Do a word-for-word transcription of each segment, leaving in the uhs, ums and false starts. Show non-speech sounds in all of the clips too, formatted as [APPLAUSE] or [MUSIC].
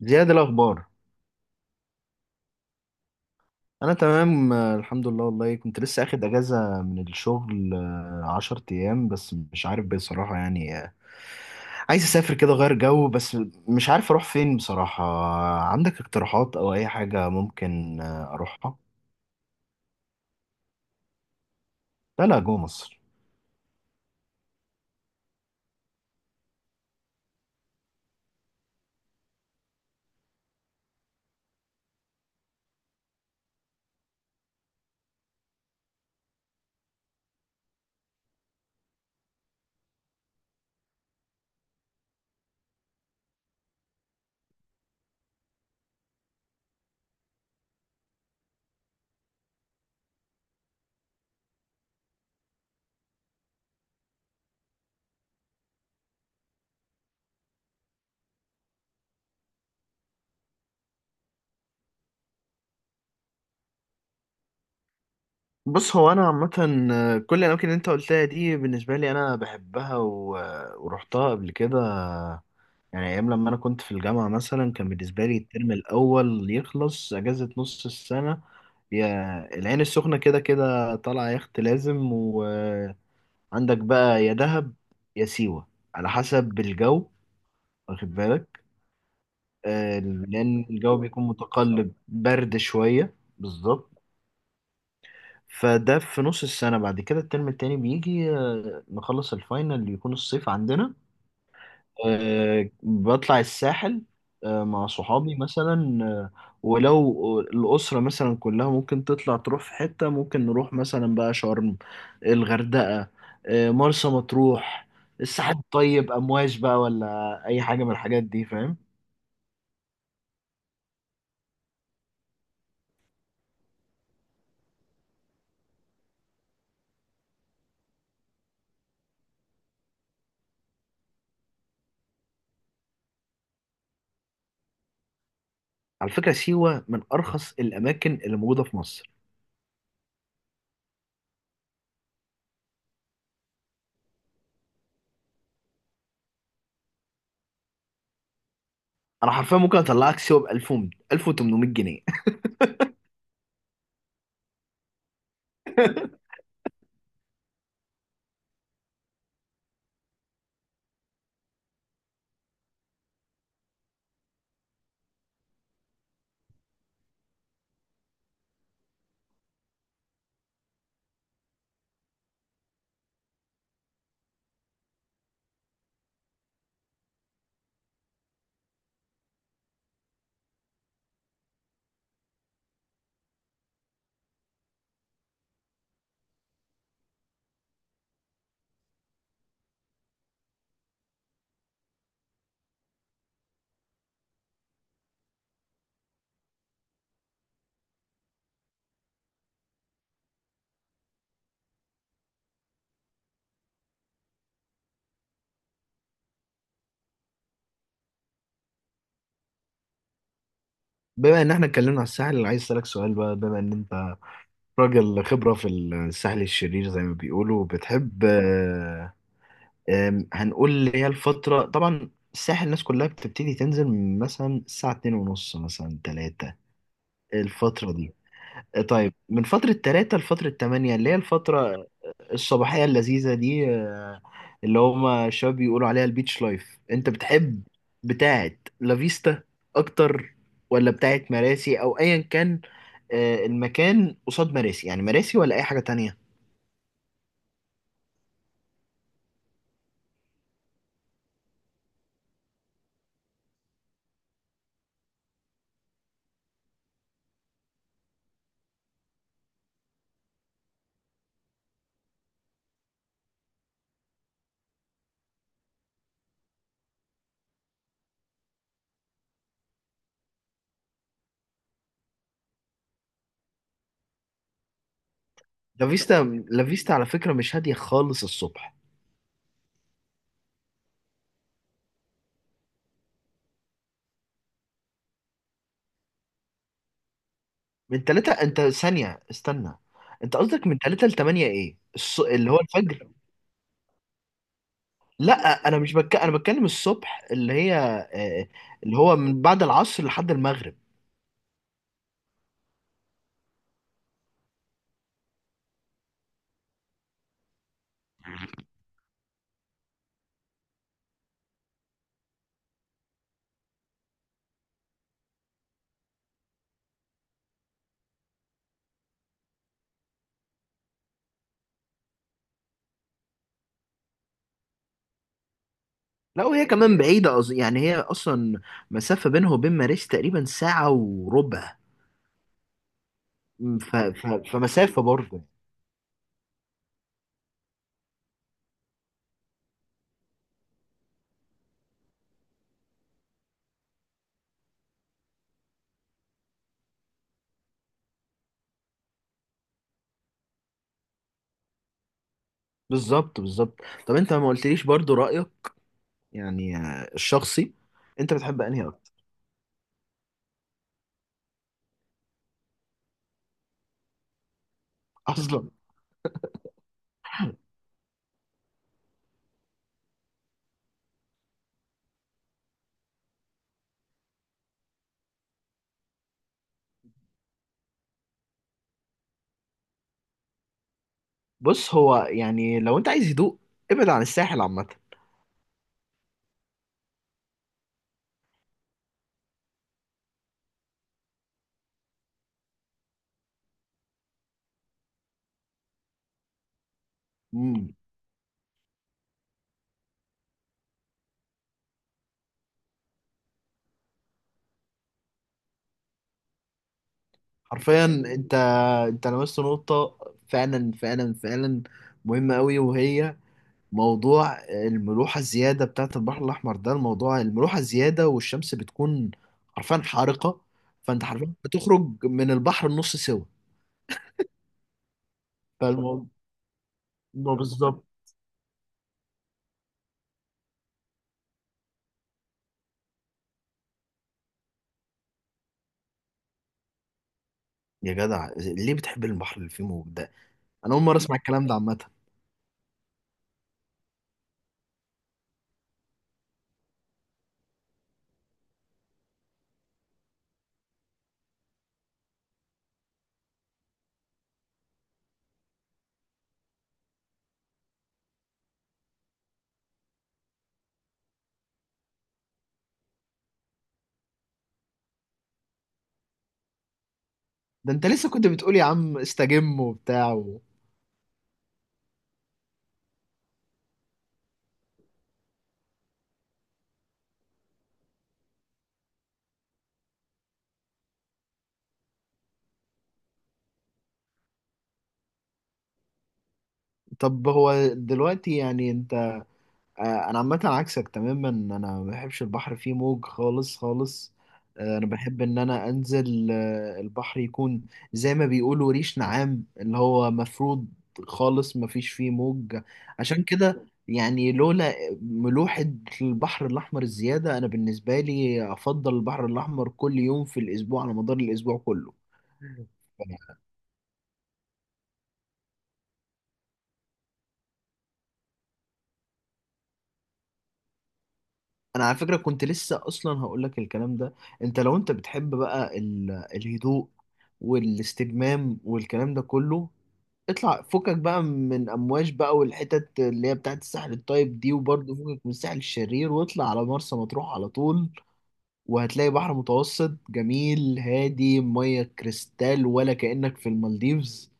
زياد، الأخبار. أنا تمام، آه، الحمد لله. والله كنت لسه أخد أجازة من الشغل، آه، عشر أيام. بس مش عارف بصراحة يعني، آه، عايز أسافر كده أغير جو بس. مش عارف أروح فين بصراحة، آه، عندك اقتراحات أو أي حاجة ممكن آه، أروحها؟ لا لا، جوه مصر. بص، هو أنا عامة، آه، كل الأماكن اللي أنت قلتها دي بالنسبة لي أنا بحبها و- آه، ورحتها قبل كده. يعني ايام لما انا كنت في الجامعه مثلا، كان بالنسبه لي الترم الاول يخلص، اجازه نص السنه. يا العين السخنه، كده كده طالعه يخت لازم وعندك. بقى يا دهب، يا سيوه، على حسب الجو، واخد بالك، آه، لان الجو بيكون متقلب برد شويه بالظبط. فده في نص السنه. بعد كده الترم التاني بيجي، آه، نخلص الفاينل، يكون الصيف عندنا. أه، بطلع الساحل، أه، مع صحابي مثلا، أه. ولو الأسرة مثلا كلها ممكن تطلع، تروح في حتة ممكن نروح مثلا بقى شرم، الغردقة، أه، مرسى مطروح، الساحل الطيب، أمواج بقى، ولا أي حاجة من الحاجات دي، فاهم؟ على فكرة سيوة من أرخص الأماكن اللي موجودة في مصر. أنا حرفيا ممكن أطلعك سيوة ب ألف، ألف وثمنمية جنيه. [LAUGHS] بما إن إحنا اتكلمنا على الساحل، اللي عايز أسألك سؤال بقى، بما إن أنت راجل خبرة في الساحل الشرير زي ما بيقولوا، بتحب، آه، آم، هنقول اللي هي الفترة، طبعا الساحل الناس كلها بتبتدي تنزل من مثلا الساعة اتنين ونص، مثلا تلاتة. الفترة دي، آه، طيب من فترة تلاتة لفترة تمانية، اللي هي الفترة الصباحية اللذيذة دي، آه، اللي هما الشباب بيقولوا عليها البيتش لايف، انت بتحب بتاعت لافيستا اكتر، ولا بتاعت مراسي او ايا كان، آه، المكان قصاد مراسي، يعني مراسي ولا اي حاجة تانية؟ لا فيستا لا فيستا على فكرة مش هادية خالص الصبح. من تلاتة، انت ثانية استنى. انت قصدك من تلاتة لتمانية، ايه الص... اللي هو الفجر؟ لا، انا مش بك... انا بتكلم الصبح اللي هي، آه، اللي هو من بعد العصر لحد المغرب. لا، وهي كمان بعيدة أز... يعني هي اصلا مسافة بينها وبين ماريس تقريبا ساعة وربع. ف... ف... فمسافة برضه. بالظبط بالظبط. طب انت ما قلتليش برضه رأيك، يعني آه، الشخصي، انت بتحب انهي اكتر؟ [LAUGHS] اصلا. بص، هو يعني لو انت عايز هدوء، ابعد عن الساحل عامة. امم. حرفيا انت، انت لمست نقطة، فعلا فعلا فعلا مهمة قوي. وهي موضوع الملوحة الزيادة بتاعت البحر الأحمر ده. الموضوع الملوحة الزيادة، والشمس بتكون حرفيا حارقة، فانت حرفيا بتخرج من البحر النص سوا. فالموضوع بالظبط. يا جدع، ليه بتحب البحر اللي فيه موج ده؟ أنا أول مرة أسمع الكلام ده عامة. ده أنت لسه كنت بتقول يا عم استجم وبتاع. طب هو دلوقتي يعني انت، آه، انا عامه عكسك تماما، انا ما بحبش البحر فيه موج خالص خالص. آه، انا بحب ان انا انزل، آه، البحر يكون زي ما بيقولوا ريش نعام، اللي هو مفروض خالص ما فيش فيه موج. عشان كده يعني، لولا ملوحة البحر الأحمر الزيادة، أنا بالنسبة لي أفضل البحر الأحمر كل يوم في الأسبوع على مدار الأسبوع كله. انا على فكره كنت لسه اصلا هقول لك الكلام ده. انت لو انت بتحب بقى ال- الهدوء والاستجمام والكلام ده كله، اطلع فكك بقى من امواج بقى والحتت اللي هي بتاعت الساحل الطيب دي، وبرضه فكك من الساحل الشرير، واطلع على مرسى مطروح على طول، وهتلاقي بحر متوسط جميل هادي، ميه كريستال، ولا كأنك في المالديفز.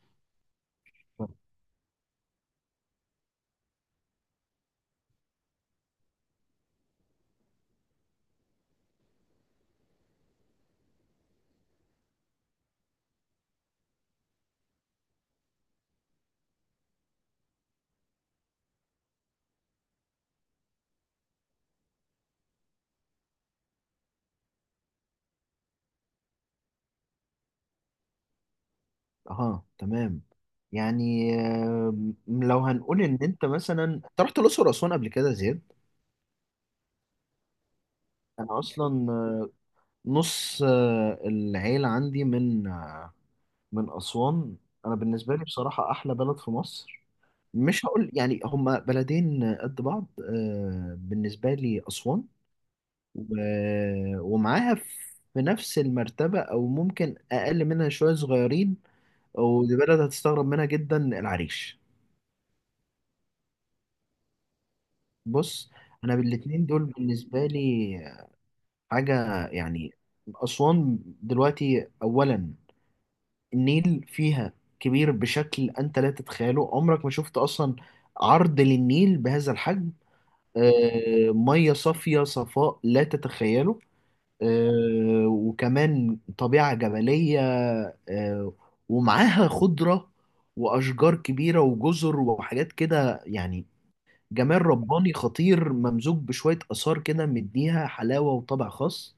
اه تمام. يعني آه، لو هنقول ان انت مثلا انت رحت الاقصر واسوان قبل كده يا زياد، انا اصلا نص آه، العيلة عندي من، آه، من اسوان. انا بالنسبة لي بصراحة احلى بلد في مصر، مش هقول يعني هما بلدين قد بعض، آه، بالنسبة لي اسوان و- ومعاها في نفس المرتبة، او ممكن اقل منها شوية صغيرين، ودي بلد هتستغرب منها جدا، العريش. بص، انا بالاتنين دول بالنسبة لي حاجة يعني. أسوان دلوقتي أولا، النيل فيها كبير بشكل أنت لا تتخيله. عمرك ما شفت أصلا عرض للنيل بهذا الحجم. آه، مية صافية صفاء لا تتخيله. آه، وكمان طبيعة جبلية، آه، ومعاها خضرة وأشجار كبيرة وجزر وحاجات كده يعني، جمال رباني خطير ممزوج بشوية آثار كده، مديها حلاوة وطابع خاص.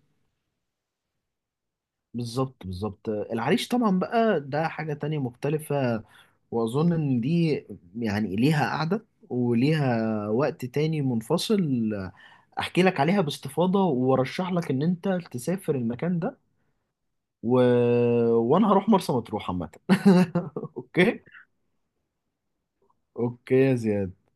بالظبط بالظبط. العريش طبعا بقى ده حاجة تانية مختلفة، واظن ان دي يعني ليها قعدة وليها وقت تاني منفصل احكي لك عليها باستفاضة، وارشح لك ان انت تسافر المكان ده. و... وانا هروح مرسى مطروح عامة. [LAUGHS] اوكي. اوكي يا زياد.